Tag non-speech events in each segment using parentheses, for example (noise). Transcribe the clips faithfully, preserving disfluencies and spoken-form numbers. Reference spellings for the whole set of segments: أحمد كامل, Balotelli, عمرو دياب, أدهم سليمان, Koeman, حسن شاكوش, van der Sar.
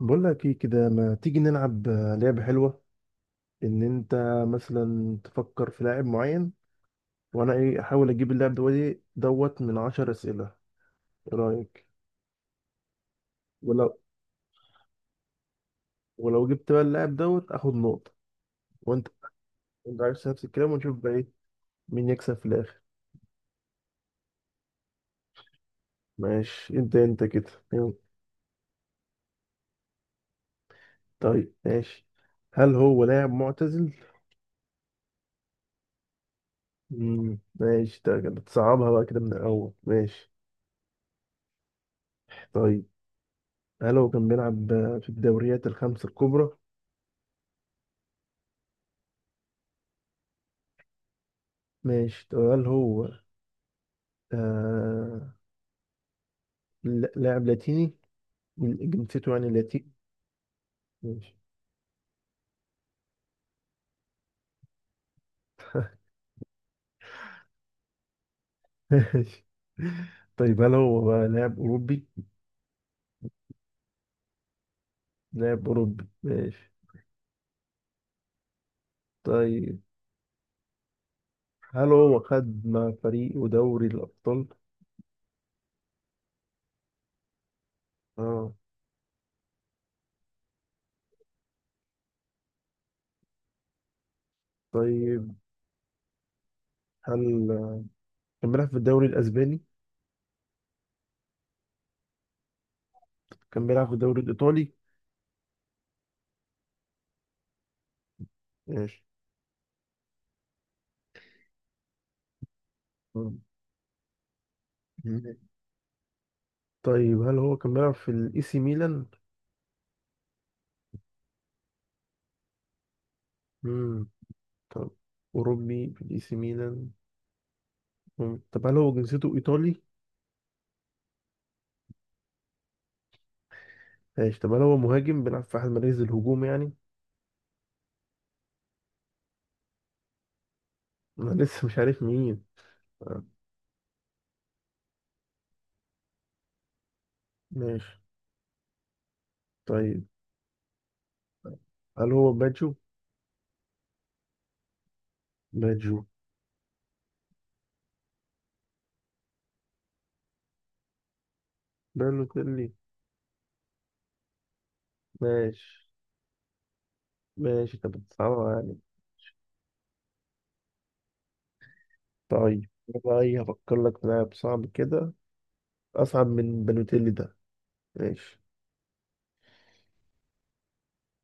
بقول لك ايه كده ما تيجي نلعب آه، لعبة حلوة. ان انت مثلا تفكر في لاعب معين، وانا ايه احاول اجيب اللاعب دوت دوت من عشر اسئلة. ايه رأيك؟ ولو ولو جبت بقى اللاعب دوت اخد نقطة. وانت انت عايز نفس الكلام ونشوف بقى ايه مين يكسب في الاخر. ماشي، انت انت كده يلا. طيب ماشي، هل هو لاعب معتزل؟ مم. ماشي، ده كده بتصعبها بقى كده من الاول. ماشي، طيب هل هو كان بيلعب آه، في الدوريات الخمس الكبرى؟ ماشي، طب هل هو آه... لا- لاعب لاتيني؟ من جنسيته يعني لاتيني. ماشي. (laughs) ماشي، طيب هل هو بقى لاعب أوروبي؟ لاعب أوروبي، ماشي. طيب هل هو خد مع فريقه دوري الأبطال؟ اه، طيب هل كان بيلعب في الدوري الأسباني؟ كان بيلعب في الدوري الإيطالي؟ ماشي. مم. طيب هل هو كان بيلعب في الإي سي ميلان؟ مم. طب أوروبي في الإي سي ميلان. مم. طب هل هو جنسيته إيطالي؟ ماشي، طب هل هو مهاجم بيلعب في أحد مراكز الهجوم يعني؟ أنا (laughs) لسه مش عارف مين. آه، ماشي، طيب هل هو باتجو؟ باتجو. بالوتيلي. ماشي. ماشي، طب صعبة يعني. طيب أنا بقى إيه، هفكر لك في لاعب صعب كده، أصعب من بالوتيلي ده. ماشي.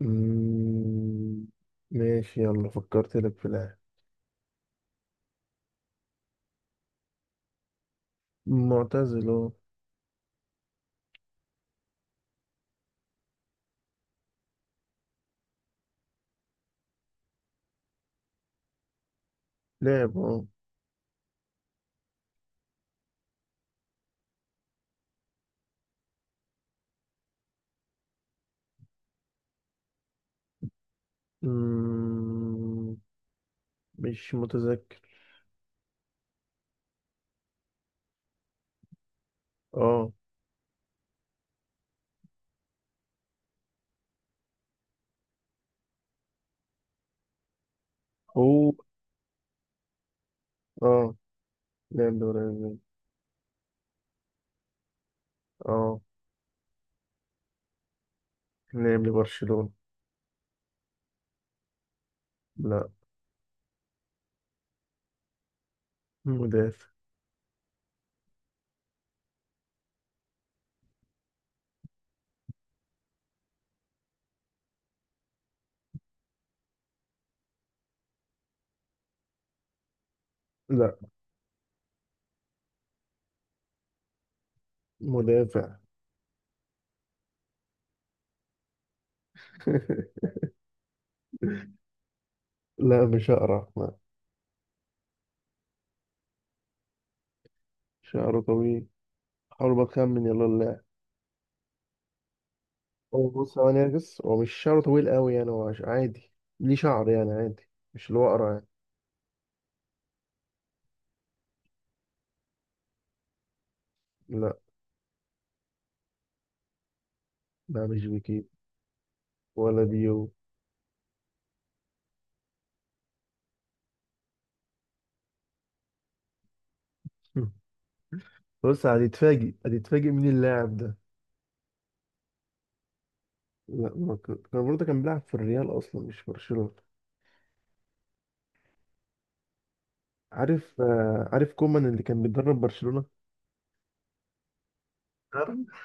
مم، ماشي، يلا فكرت لك في لاعب. معتزل، أه. لاعب، أه. مم، مش متذكر. أه. هو، أه. لاعب دوري أسباني. اه، لعب لبرشلونة. لا. مدافع. لا، مدافع. (laughs) لا مش أقرع، لا. شعره طويل. حاول بقى أخمن يلا اللاعب. هو بص، هو نرجس، هو مش شعره طويل قوي يعني، هو عش- عادي، ليه شعر يعني عادي، مش اللي هو أقرع يعني. لا. لا مش بيكيب. ولا ديو. (laughs) بص، هتتفاجئ، هتتفاجئ مين اللاعب ده. لا، ما كان كان برضه كان بيلعب في الريال أصلا، مش في برشلونة. عارف آه، عارف كومان اللي كان بيدرب برشلونة؟ عارف؟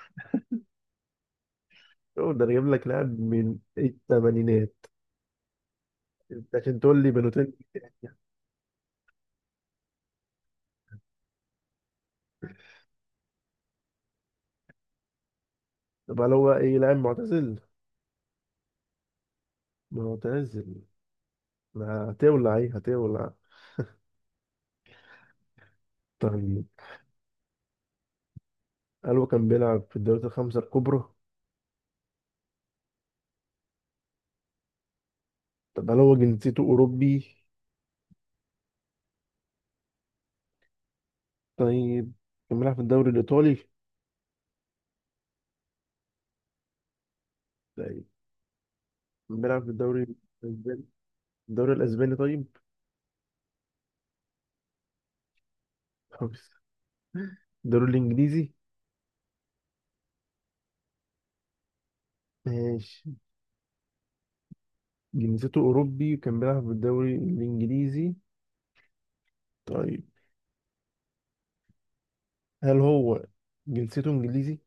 هو ده، أنا جايب لك لاعب من الثمانينات، لكن تقول لي بنوتين. طب هل هو ايه، لاعب معتزل؟ معتزل. ما هتولع ايه، هتولع. طيب هل هو كان بيلعب في الدوريات الخمسة الكبرى؟ طب هل هو جنسيته أوروبي؟ طيب، كان بيلعب في الدوري الإيطالي؟ طيب، كان بيلعب في الدوري الأسباني؟ الدوري الأسباني، طيب. خلاص. الدوري الإنجليزي. ماشي، جنسيته أوروبي وكان بيلعب في الدوري الإنجليزي. طيب، هل هو جنسيته إنجليزي؟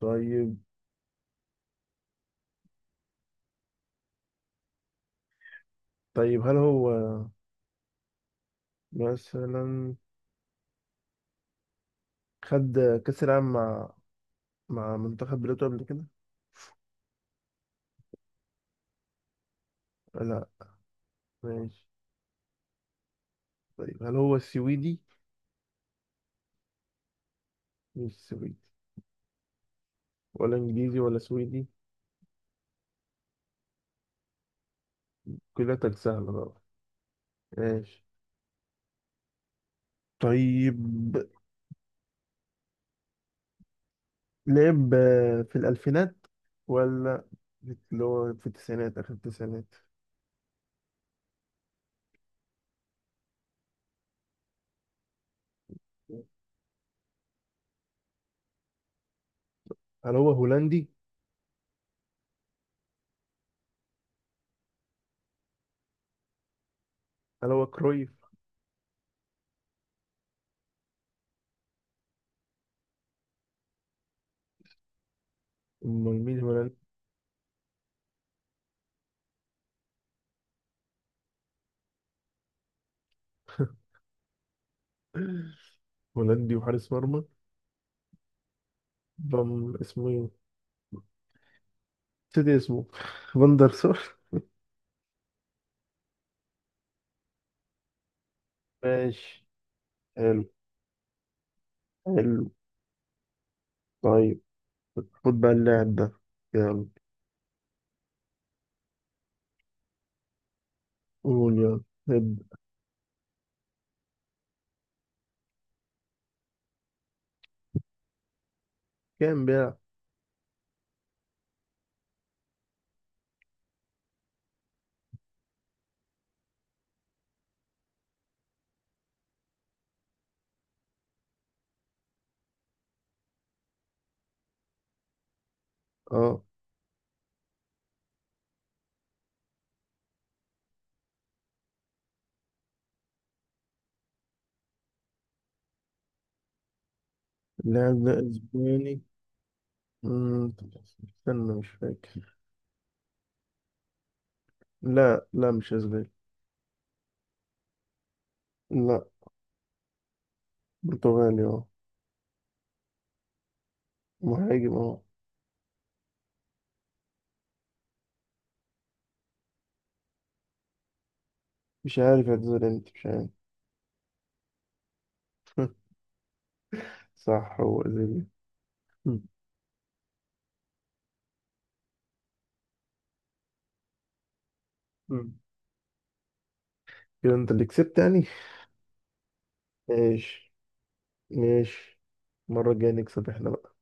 طيب، طيب هل هو مثلا خد كأس العالم مع مع منتخب بلاده قبل كده؟ لا. ماشي، طيب هل هو سويدي؟ مش سويدي، ولا إنجليزي ولا سويدي؟ كلها سهلة بقى. ماشي، طيب لعب آه، في الألفينات، ولا اللي هو في التسعينات، آخر التسعينات؟ هل هو هولندي؟ هل هو كرويف؟ أمال مين هولندي؟ (laughs) هولندي وحارس مرمى. بام اسمه ايه؟ نسيت اسمه. (laughs) فاندر سور. ماشي. حلو. حلو. طيب خد بقى اللاعب ده. يلا، قول يلا، ابدأ. كام بيلعب؟ اه، اللاعب ده اسباني. مم، استنى، مش فاكر. لا، لا مش اسباني. لا. برتغالي، اه. مهاجم، اه. مش عارف اعتذر امتى، مش عارف. (laughs) صح، هو ازيلي. مم. مم. كده انت اللي كسبت يعني. ماشي. ماشي. المرة الجاية نكسب احنا بقى.